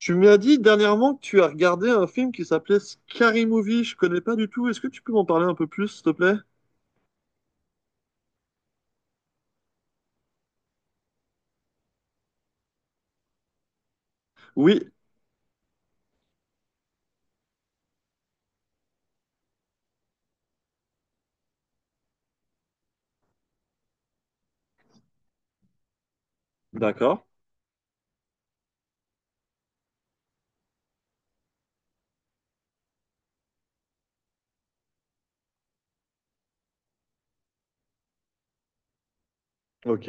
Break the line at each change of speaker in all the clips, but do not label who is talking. Tu m'as dit dernièrement que tu as regardé un film qui s'appelait Scary Movie. Je connais pas du tout. Est-ce que tu peux m'en parler un peu plus, s'il te plaît? Oui, d'accord. Ok.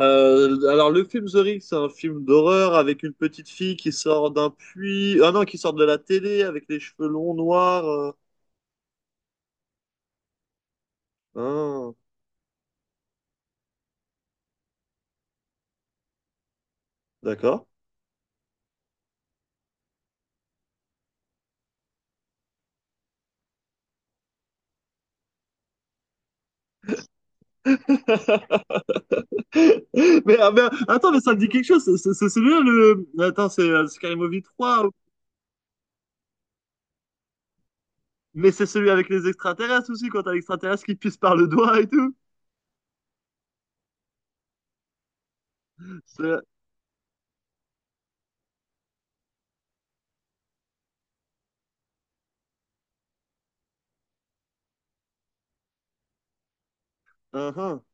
Alors, le film The Ring, c'est un film d'horreur avec une petite fille qui sort d'un puits. Ah non, qui sort de la télé avec les cheveux longs noirs. Ah, d'accord. Mais, ah, mais, attends, mais ça me dit quelque chose. C'est celui-là, le. Attends, c'est Scary Movie 3. Mais c'est celui avec les extraterrestres aussi, quand t'as l'extraterrestre qui te pisse par le doigt et tout. C'est- Uhum.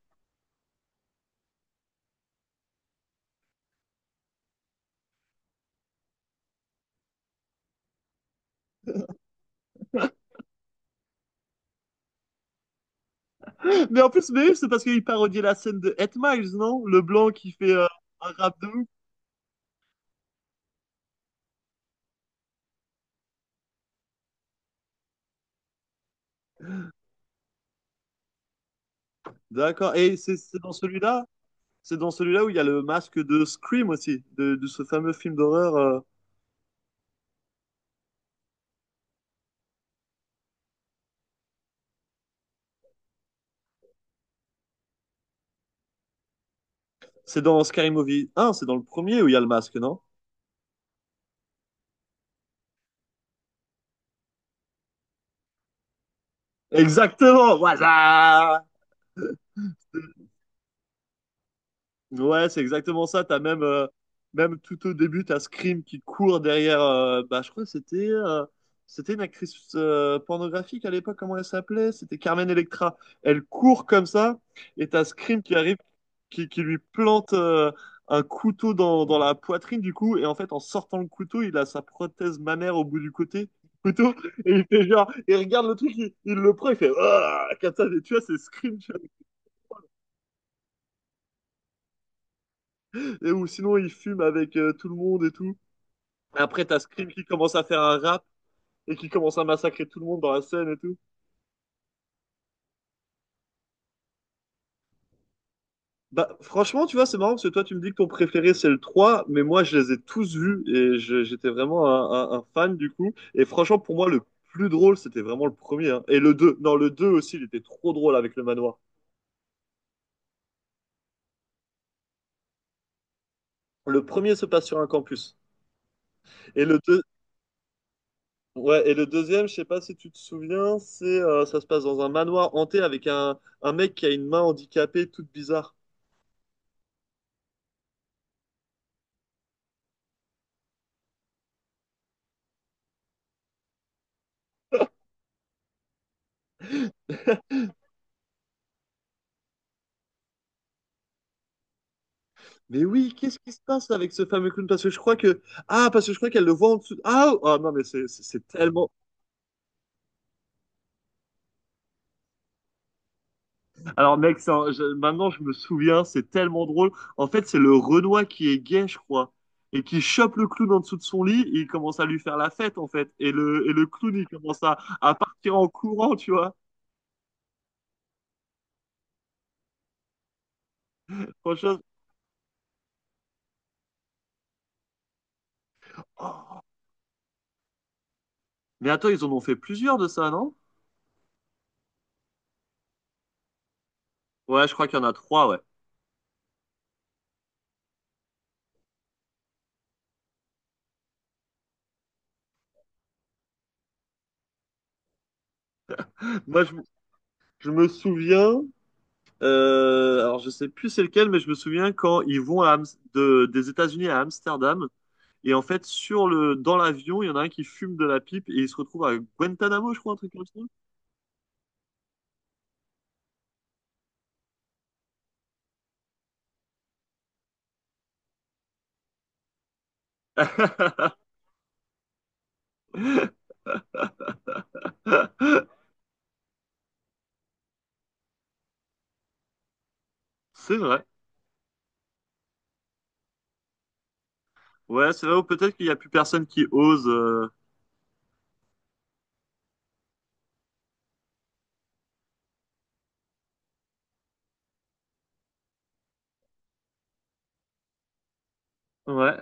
Mais oui, c'est parce qu'il parodiait la scène de Ed Miles, non? Le blanc qui fait un rap de ouf. D'accord. Et c'est dans celui-là, c'est dans celui-là où il y a le masque de Scream aussi, de ce fameux film d'horreur. C'est dans Scary Movie Un, c'est dans le premier où il y a le masque, non? Exactement. Voilà. Ouais, c'est exactement ça. T'as même tout au début, t'as Scream qui court derrière. Bah, je crois que c'était une actrice pornographique à l'époque. Comment elle s'appelait? C'était Carmen Electra. Elle court comme ça, et t'as Scream qui arrive, qui lui plante un couteau dans la poitrine du coup. Et en fait, en sortant le couteau, il a sa prothèse mammaire au bout du côté. Couteau, et il fait genre, il regarde le truc, il le prend, il fait ah, comme ça, tu vois, c'est Scream, tu vois. Et, ou sinon, il fume avec tout le monde et tout. Après, t'as Scream qui commence à faire un rap et qui commence à massacrer tout le monde dans la scène et tout. Bah, franchement, tu vois, c'est marrant parce que toi, tu me dis que ton préféré, c'est le 3 mais moi, je les ai tous vus et j'étais vraiment un fan du coup. Et franchement, pour moi, le plus drôle, c'était vraiment le premier. Hein. Et le 2 non, le 2 aussi, il était trop drôle avec le manoir. Le premier se passe sur un campus. Et le 2 ouais, et le deuxième, je sais pas si tu te souviens, c'est ça se passe dans un manoir hanté avec un mec qui a une main handicapée toute bizarre. Mais oui, qu'est-ce qui se passe avec ce fameux clown? Parce que je crois que. Ah, parce que je crois qu'elle le voit en dessous. Ah, oh, ah, non, mais c'est tellement. Alors, mec, maintenant je me souviens, c'est tellement drôle. En fait, c'est le Renoir qui est gay, je crois, et qui chope le clown en dessous de son lit et il commence à lui faire la fête, en fait. Et le clown, il commence à partir en courant, tu vois. Franchement. Oh. Mais attends, ils en ont fait plusieurs de ça, non? Ouais, je crois qu'il y en a trois, ouais. Moi, je, me- je me souviens. Alors je sais plus c'est lequel, mais je me souviens quand ils vont des États-Unis à Amsterdam et en fait sur le dans l'avion il y en a un qui fume de la pipe et il se retrouve à Guantanamo, je crois un truc comme ça. C'est vrai. Ouais, c'est vrai ou peut-être qu'il y a plus personne qui ose. Ouais.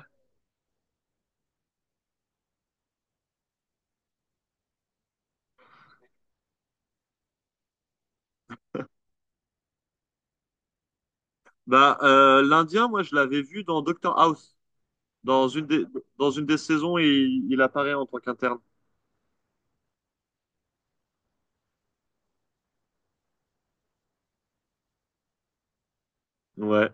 Bah l'Indien, moi je l'avais vu dans Doctor House. Dans une des Dans une des saisons, il apparaît en tant qu'interne. Ouais.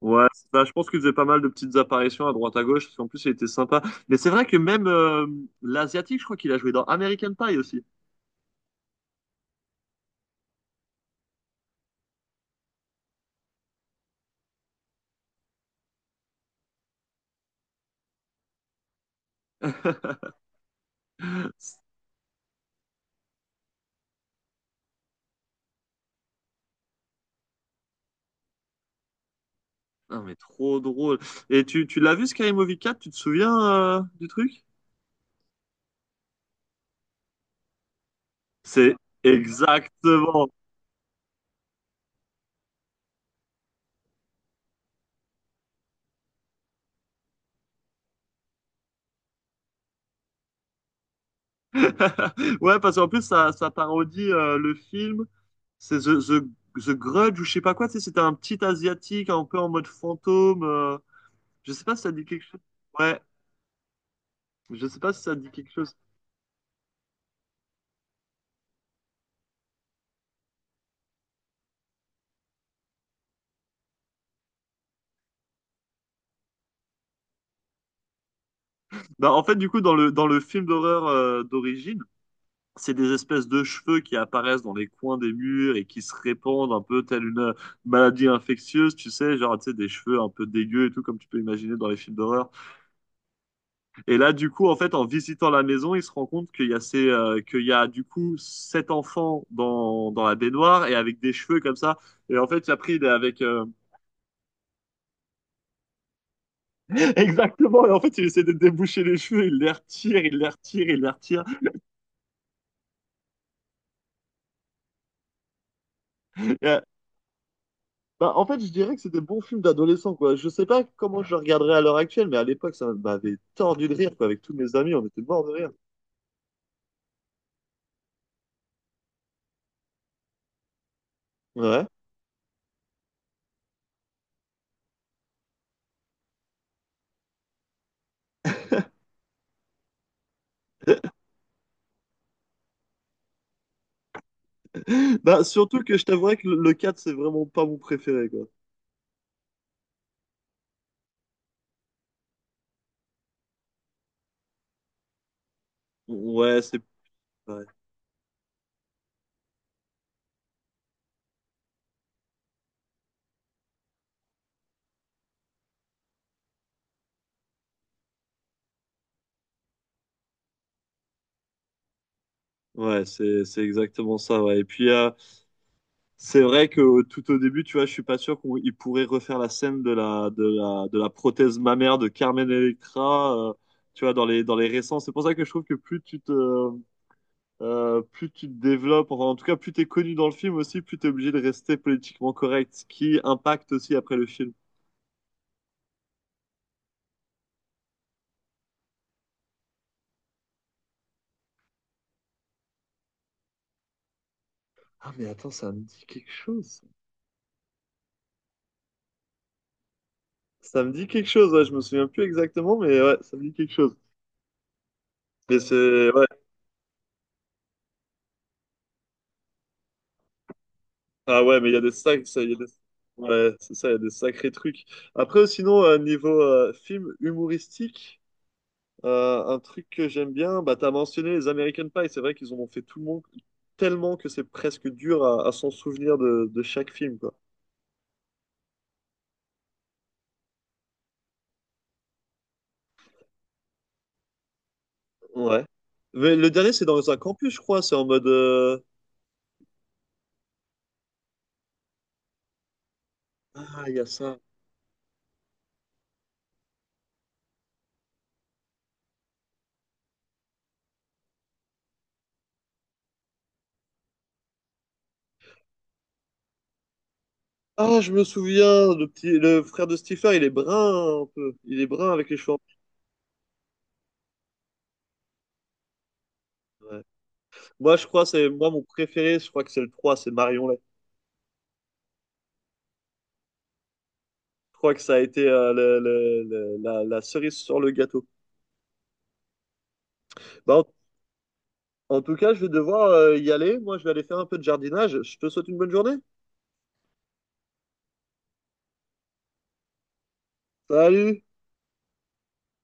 Ouais, c'est ça. Je pense qu'il faisait pas mal de petites apparitions à droite à gauche, parce qu'en plus, il était sympa. Mais c'est vrai que même l'Asiatique, je crois qu'il a joué dans American Pie aussi. Non, mais trop drôle. Et tu l'as vu, Scary Movie 4, tu te souviens du truc? C'est exactement. Ouais, parce qu'en plus, ça parodie le film. C'est The Grudge ou je sais pas quoi. Tu sais, c'était un petit Asiatique un peu en mode fantôme. Je sais pas si ça dit quelque chose. Ouais, je sais pas si ça dit quelque chose. Bah, en fait, du coup, dans le film d'horreur d'origine, c'est des espèces de cheveux qui apparaissent dans les coins des murs et qui se répandent un peu telle une maladie infectieuse, tu sais, genre, tu sais, des cheveux un peu dégueux et tout, comme tu peux imaginer dans les films d'horreur. Et là, du coup, en fait, en visitant la maison, il se rend compte qu'il y a ces, du coup, sept enfants dans la baignoire et avec des cheveux comme ça. Et en fait, après, il est avec... Exactement, et en fait, il essaie de déboucher les cheveux, il les retire, il les retire, il les retire. Bah, en fait, je dirais que c'est des bons films d'adolescents, quoi. Je sais pas comment je le regarderais à l'heure actuelle, mais à l'époque, ça m'avait tordu de rire, quoi. Avec tous mes amis, on était morts de rire. Ouais. Bah, surtout que je t'avouerais que le 4, c'est vraiment pas mon préféré, quoi. Ouais, ouais, c'est exactement ça, ouais. Et puis, c'est vrai que tout au début, tu vois, je suis pas sûr qu'ils pourraient refaire la scène de la prothèse mammaire de Carmen Electra, tu vois, dans les récents. C'est pour ça que je trouve que plus tu te développes, enfin en tout cas plus t'es connu dans le film aussi, plus t'es obligé de rester politiquement correct, ce qui impacte aussi après le film. Ah mais attends, ça me dit quelque chose. Ça me dit quelque chose, ouais, je me souviens plus exactement, mais ouais, ça me dit quelque chose. Mais c'est ouais. Ah ouais, mais il y a des sacs, ça, il y a des... Ouais, c'est ça, il y a des sacrés trucs. Après, sinon, niveau film humoristique, un truc que j'aime bien, bah t'as mentionné les American Pie, c'est vrai qu'ils en ont fait tout le monde tellement que c'est presque dur à s'en souvenir de chaque film, quoi. Ouais. Mais le dernier, c'est dans un campus, je crois. C'est en mode. Ah, il y a ça. Ah, je me souviens, le frère de Stephen, il est brun un peu. Il est brun avec les cheveux. En plus. Ouais. Moi, mon préféré. Je crois que c'est le 3 c'est Marion Lay. Je crois que ça a été la cerise sur le gâteau. Bah, en tout cas, je vais devoir y aller. Moi, je vais aller faire un peu de jardinage. Je te souhaite une bonne journée. Salut!